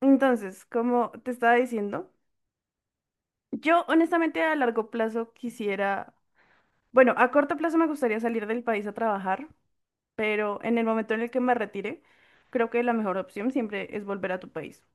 Entonces, como te estaba diciendo, yo honestamente a largo plazo quisiera, bueno, a corto plazo me gustaría salir del país a trabajar, pero en el momento en el que me retire, creo que la mejor opción siempre es volver a tu país.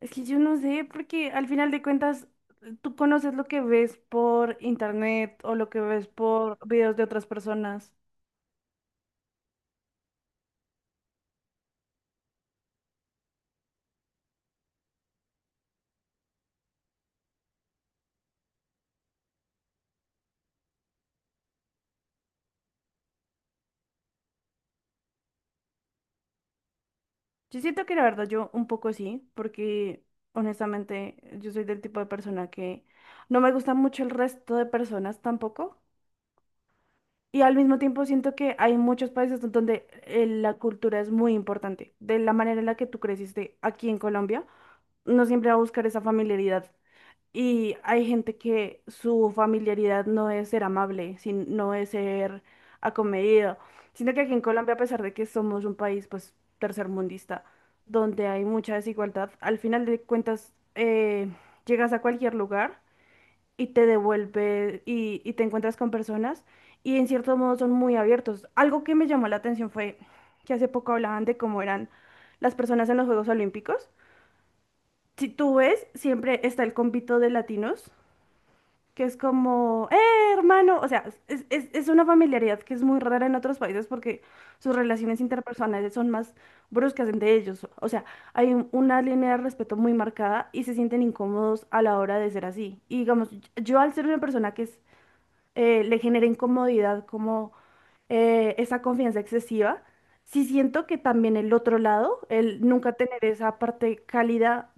Es que yo no sé, porque al final de cuentas tú conoces lo que ves por internet o lo que ves por videos de otras personas. Yo siento que la verdad yo un poco sí, porque honestamente yo soy del tipo de persona que no me gusta mucho el resto de personas tampoco. Y al mismo tiempo siento que hay muchos países donde la cultura es muy importante. De la manera en la que tú creciste aquí en Colombia, no siempre va a buscar esa familiaridad y hay gente que su familiaridad no es ser amable, no es ser acomedido. Siento que aquí en Colombia, a pesar de que somos un país pues tercermundista, donde hay mucha desigualdad, al final de cuentas, llegas a cualquier lugar y te devuelve y te encuentras con personas y en cierto modo son muy abiertos. Algo que me llamó la atención fue que hace poco hablaban de cómo eran las personas en los Juegos Olímpicos. Si tú ves, siempre está el convito de latinos que es como, hermano, o sea, es una familiaridad que es muy rara en otros países porque sus relaciones interpersonales son más bruscas entre ellos. O sea, hay una línea de respeto muy marcada y se sienten incómodos a la hora de ser así. Y digamos, yo al ser una persona que es, le genera incomodidad como esa confianza excesiva, sí siento que también el otro lado, el nunca tener esa parte cálida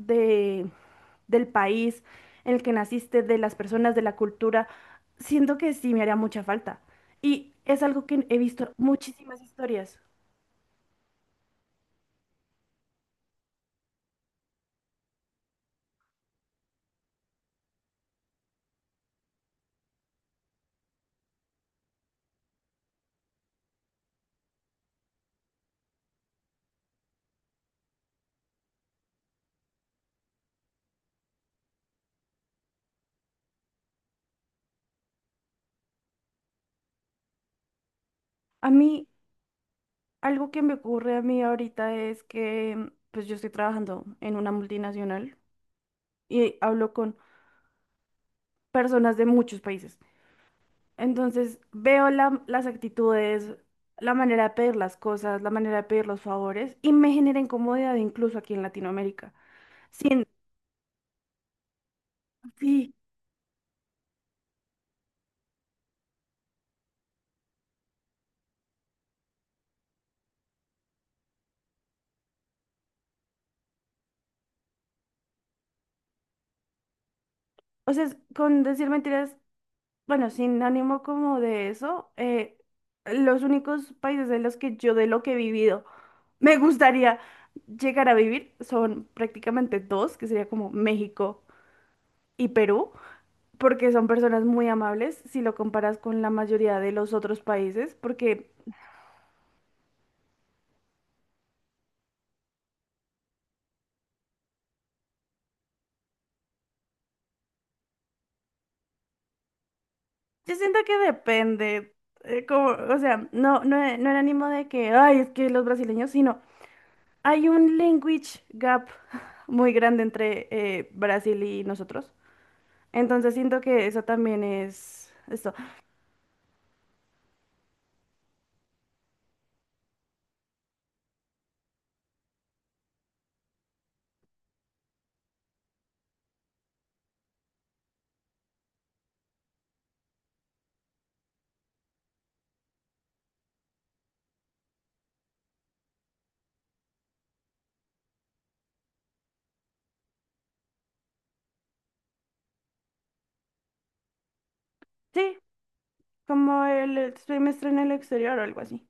del país en el que naciste, de las personas, de la cultura, siento que sí me haría mucha falta. Y es algo que he visto muchísimas historias. A mí, algo que me ocurre a mí ahorita es que, pues yo estoy trabajando en una multinacional y hablo con personas de muchos países. Entonces, veo las actitudes, la manera de pedir las cosas, la manera de pedir los favores y me genera incomodidad incluso aquí en Latinoamérica. Sin, sí, o sea, es- con decir mentiras. Bueno, sin ánimo como de eso, los únicos países en los que yo de lo que he vivido me gustaría llegar a vivir son prácticamente dos, que sería como México y Perú, porque son personas muy amables si lo comparas con la mayoría de los otros países. Porque yo siento que depende, como, o sea, no era ánimo de que, ay, es que los brasileños, sino hay un language gap muy grande entre Brasil y nosotros. Entonces siento que eso también es esto. Sí, como el semestre en el exterior o algo así.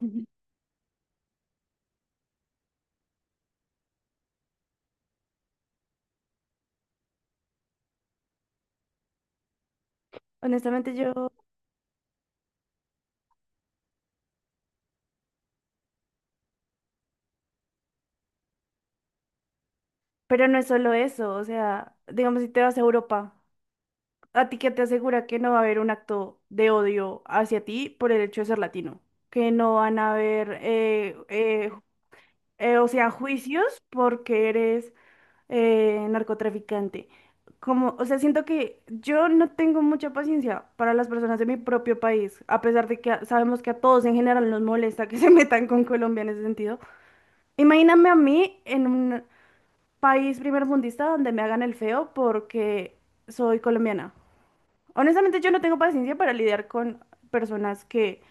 Ujú. Honestamente yo, pero no es solo eso, o sea, digamos si te vas a Europa, ¿a ti qué te asegura que no va a haber un acto de odio hacia ti por el hecho de ser latino? Que no van a haber, o sea, juicios porque eres narcotraficante. Como, o sea, siento que yo no tengo mucha paciencia para las personas de mi propio país, a pesar de que sabemos que a todos en general nos molesta que se metan con Colombia en ese sentido. Imagíname a mí en un país primermundista donde me hagan el feo porque soy colombiana. Honestamente, yo no tengo paciencia para lidiar con personas que,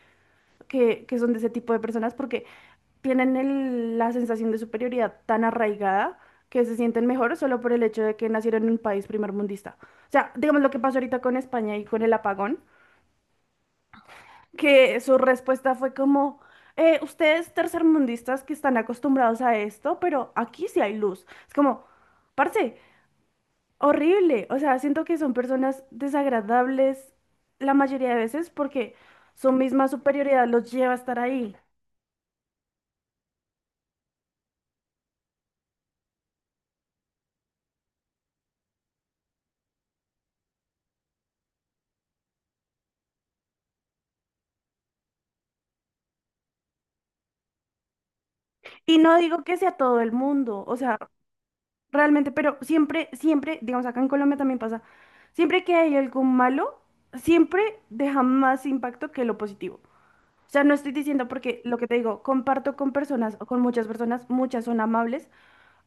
que son de ese tipo de personas porque tienen la sensación de superioridad tan arraigada que se sienten mejor solo por el hecho de que nacieron en un país primermundista. O sea, digamos lo que pasó ahorita con España y con el apagón, que su respuesta fue como, ustedes tercermundistas que están acostumbrados a esto, pero aquí sí hay luz. Es como, parce, horrible. O sea, siento que son personas desagradables la mayoría de veces porque su misma superioridad los lleva a estar ahí. Y no digo que sea todo el mundo, o sea, realmente. Pero siempre, siempre, digamos, acá en Colombia también pasa, siempre que hay algo malo, siempre deja más impacto que lo positivo. O sea, no estoy diciendo, porque lo que te digo, comparto con personas o con muchas personas, muchas son amables,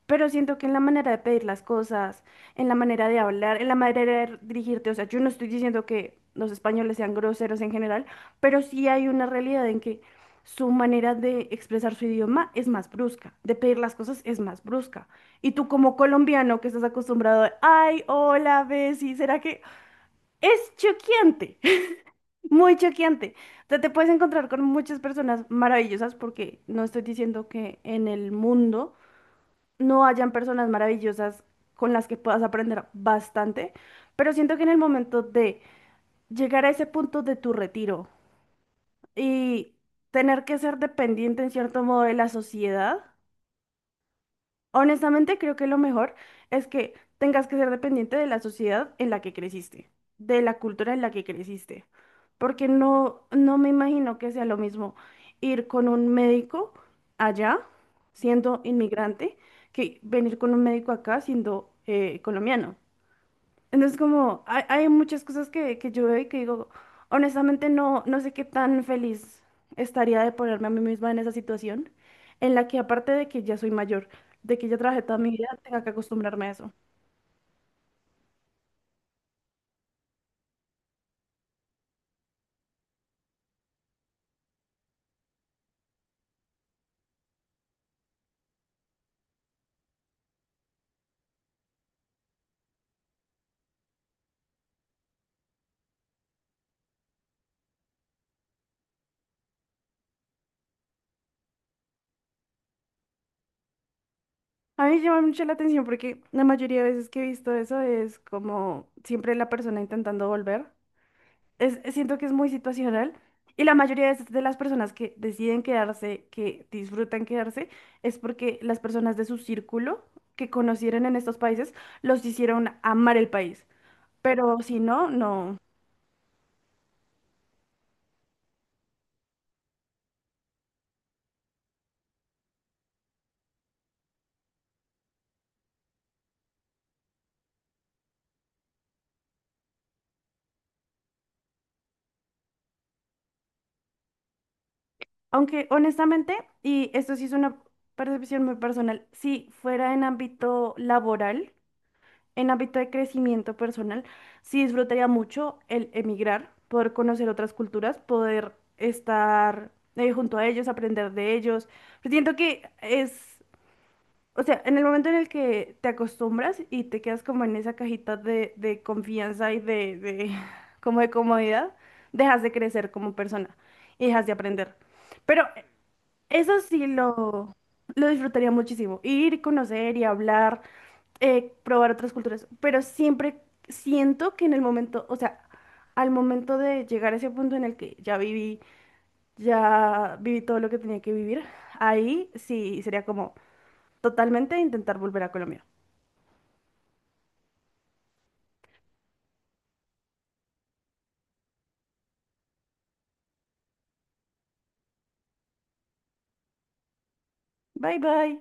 pero siento que en la manera de pedir las cosas, en la manera de hablar, en la manera de dirigirte, o sea, yo no estoy diciendo que los españoles sean groseros en general, pero sí hay una realidad en que su manera de expresar su idioma es más brusca, de pedir las cosas es más brusca. Y tú como colombiano que estás acostumbrado a, ay, hola, Bessie, ¿será que es choqueante? Muy choqueante. O sea, te puedes encontrar con muchas personas maravillosas, porque no estoy diciendo que en el mundo no hayan personas maravillosas con las que puedas aprender bastante, pero siento que en el momento de llegar a ese punto de tu retiro y tener que ser dependiente en cierto modo de la sociedad, honestamente, creo que lo mejor es que tengas que ser dependiente de la sociedad en la que creciste, de la cultura en la que creciste, porque no me imagino que sea lo mismo ir con un médico allá, siendo inmigrante, que venir con un médico acá siendo colombiano. Entonces, como hay muchas cosas que yo veo y que digo, honestamente no sé qué tan feliz estaría de ponerme a mí misma en esa situación, en la que aparte de que ya soy mayor, de que ya trabajé toda mi vida, tenga que acostumbrarme a eso. A mí me llama mucho la atención porque la mayoría de veces que he visto eso es como siempre la persona intentando volver. Es- siento que es muy situacional y la mayoría de las personas que deciden quedarse, que disfrutan quedarse, es porque las personas de su círculo que conocieron en estos países los hicieron amar el país. Pero si no, no. Aunque honestamente, y esto sí es una percepción muy personal, si fuera en ámbito laboral, en ámbito de crecimiento personal, sí disfrutaría mucho el emigrar, poder conocer otras culturas, poder estar, junto a ellos, aprender de ellos. Pero siento que es, o sea, en el momento en el que te acostumbras y te quedas como en esa cajita de confianza y de, como de comodidad, dejas de crecer como persona y dejas de aprender. Pero eso sí lo disfrutaría muchísimo. Ir, conocer y hablar, probar otras culturas. Pero siempre siento que en el momento, o sea, al momento de llegar a ese punto en el que ya viví todo lo que tenía que vivir, ahí sí sería como totalmente intentar volver a Colombia. Bye bye.